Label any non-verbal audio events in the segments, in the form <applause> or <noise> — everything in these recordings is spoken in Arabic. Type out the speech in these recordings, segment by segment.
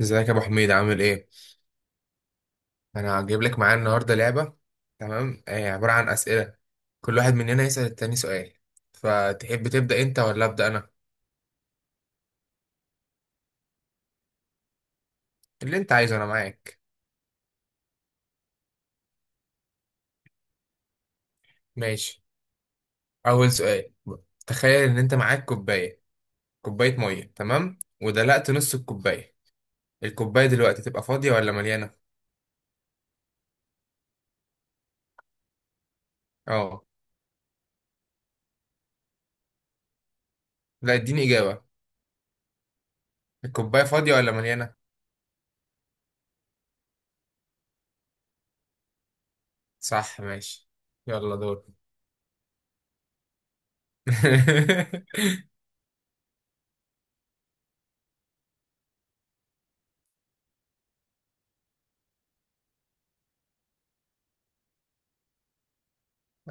ازيك يا ابو حميد، عامل ايه؟ انا هجيب لك معايا النهارده لعبه. تمام. عباره عن اسئله. كل واحد مننا يسال التاني سؤال. فتحب تبدا انت ولا ابدا انا؟ اللي انت عايزه، انا معاك. ماشي. اول سؤال: تخيل ان انت معاك كوبايه، كوبايه ميه، تمام، ودلقت نص الكوبايه. الكوبايه دلوقتي تبقى فاضيه ولا مليانه؟ اه. لا، اديني اجابه. الكوبايه فاضيه ولا مليانه؟ صح، ماشي. يلا دور. <laughs>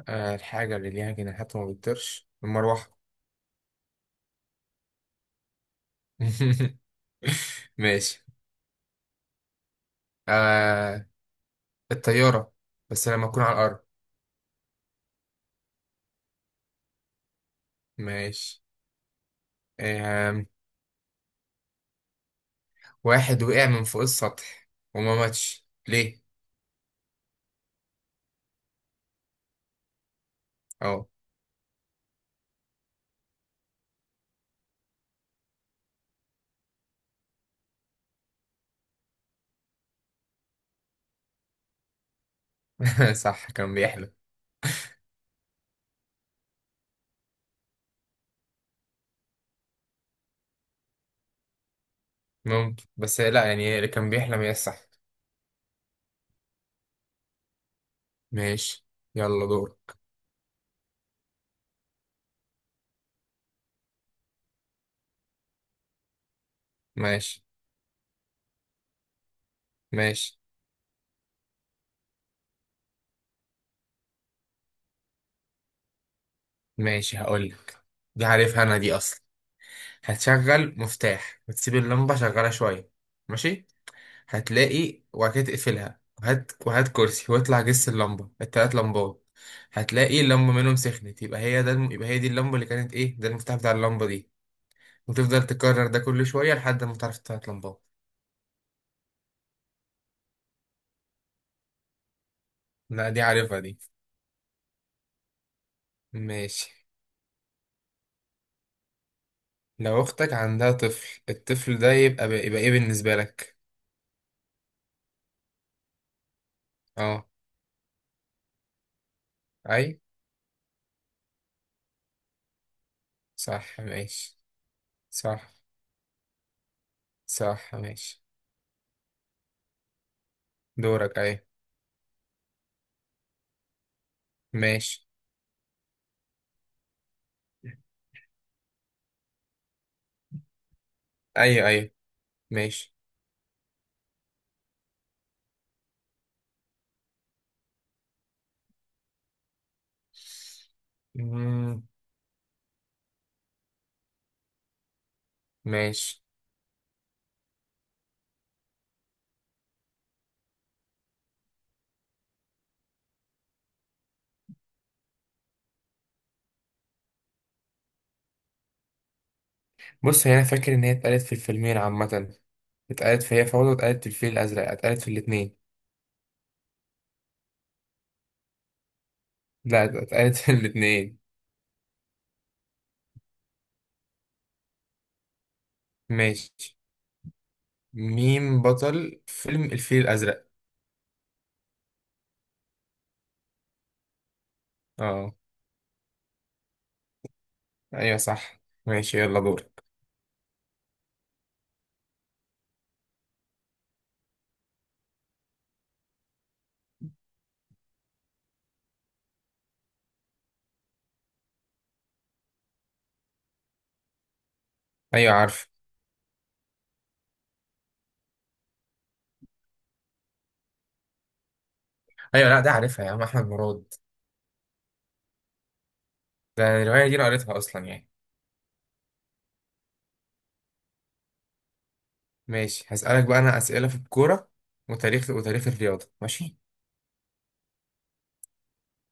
الحاجه اللي ليها جناحات وما بتطيرش المروحه. <laughs> ماشي. آه الطيارة، بس لما أكون على الأرض. ماشي. آه واحد وقع من فوق السطح وما ماتش، ليه؟ اه. <laughs> صح، كان بيحلم. ممكن، بس لا، يعني اللي كان بيحلم هي الصح. ماشي، يلا دورك. ماشي ماشي ماشي. هقولك، دي عارفها أنا دي أصلا. هتشغل مفتاح وتسيب اللمبة شغالة شوية. ماشي. هتلاقي، وبعد كده تقفلها وهات وهات كرسي واطلع جس اللمبة، التلات لمبات. هتلاقي اللمبة منهم سخنت، يبقى هي ده الم... يبقى هي دي اللمبة اللي كانت ايه، ده المفتاح بتاع اللمبة دي. وتفضل تكرر ده كل شوية لحد ما تعرف التلات لمبات. لا، دي عارفها دي. ماشي. لو اختك عندها طفل، الطفل ده يبقى يبقى ايه بالنسبة لك؟ اه. اي، صح ماشي. صح صح ماشي. دورك، اي. ماشي. ايوه ايوه، ماشي. مم، ماشي. بص، هي انا فاكر ان هي اتقالت في الفيلمين عامه. اتقالت في هي فوضى، اتقالت في الفيل الازرق، اتقالت في الاتنين. لا، اتقالت في الاتنين. ماشي. مين بطل فيلم الفيل الازرق؟ اه، ايوه صح. ماشي، يلا دور. ايوه عارف. ايوه، لا ده عارفها يا عم، احمد مراد. ده الروايه دي انا قريتها اصلا يعني. ماشي، هسألك بقى انا اسئله في الكوره وتاريخ الرياضه. ماشي.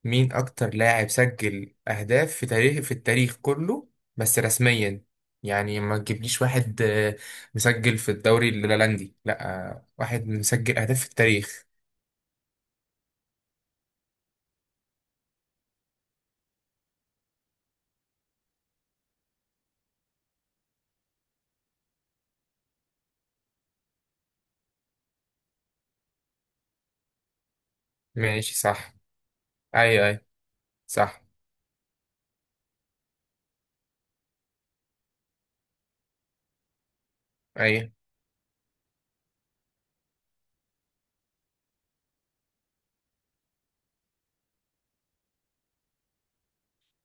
مين أكتر لاعب سجل أهداف في تاريخ في التاريخ كله؟ بس رسميا. يعني ما تجيبليش واحد مسجل في الدوري الهولندي، لا، واحد مسجل أهداف في التاريخ. ماشي صح. أي أي صح أي.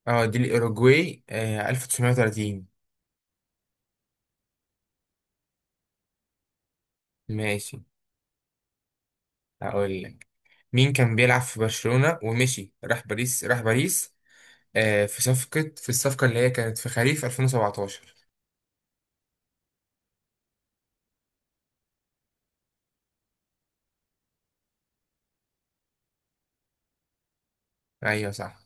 اه، دي الأوروجواي 1930. ماشي. هقول لك، مين كان بيلعب في برشلونة ومشي راح باريس في صفقة في الصفقة اللي هي كانت في خريف 2017؟ أيوه صح.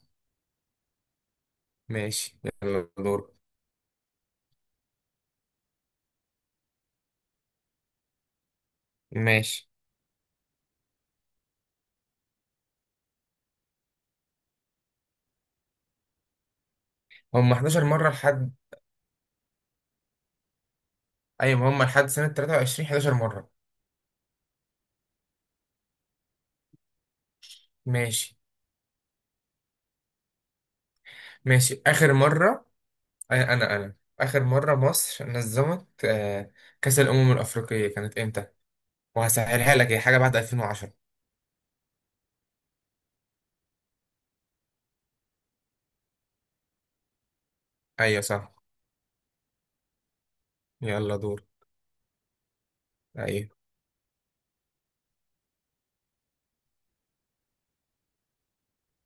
ماشي، يلا دور. ماشي. هم 11 مرة، لحد. أيوة، ما هم لحد سنة 23 11 مرة. ماشي ماشي. آخر مرة، أنا آخر مرة مصر نظمت كأس الأمم الأفريقية كانت إمتى؟ وهسهلها لك، هي حاجة بعد 2010. أيوة صح. يلا دور. أيوة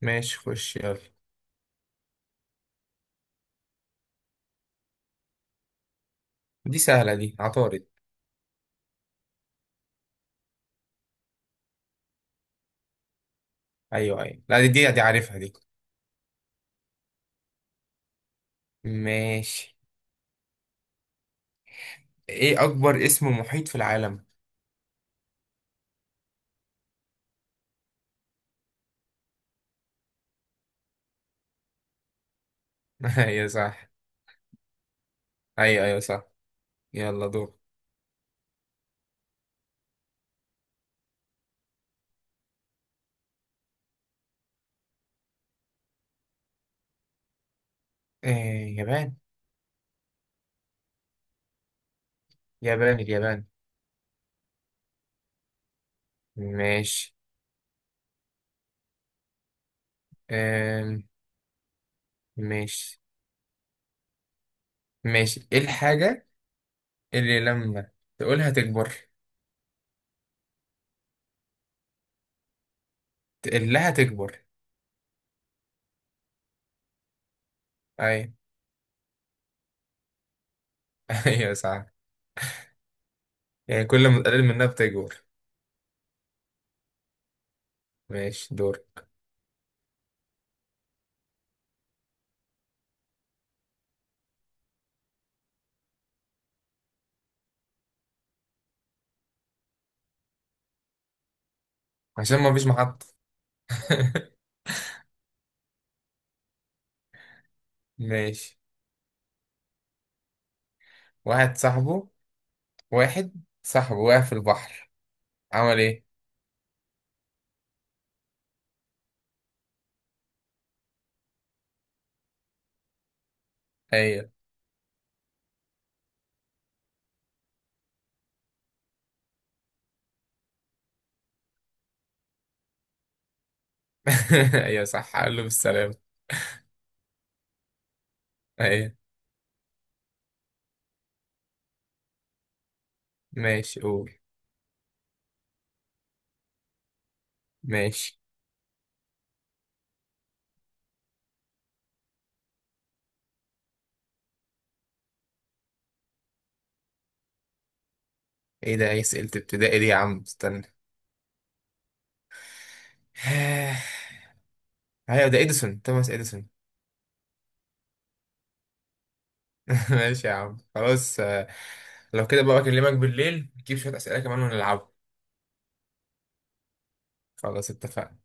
ماشي، خش يلا. دي سهلة، دي عطارد. أيوة أيوة، لا دي دي عارفها دي. ماشي. إيه أكبر اسم محيط في العالم؟ <laughs> أيوة صح. أيوة أيوة صح. يلا دور. آه، يابان يابان، اليابان. ماشي. آم، ماشي. ماشي، ايه الحاجة اللي لما تقولها تكبر؟ تقول لها تكبر. اي. <laughs> ايوه صح. يعني كل ما تقلل منها بتكبر. ماشي، دور. عشان ما فيش محطة. <laughs> ماشي. واحد صاحبه واحد صاحبه واقع في البحر، عمل ايه؟ ايوه. <laughs> ايوه صح، قال له بالسلامة. ايوه. ماشي، قول. ماشي. ايه ده، ايه؟ سئلت ابتدائي دي يا عم، استنى. <sighs> ايوه، ده اديسون، توماس اديسون. <laughs> ماشي يا عم، خلاص. لو كده بقى اكلمك بالليل نجيب شوية أسئلة كمان ونلعبها. خلاص، اتفقنا.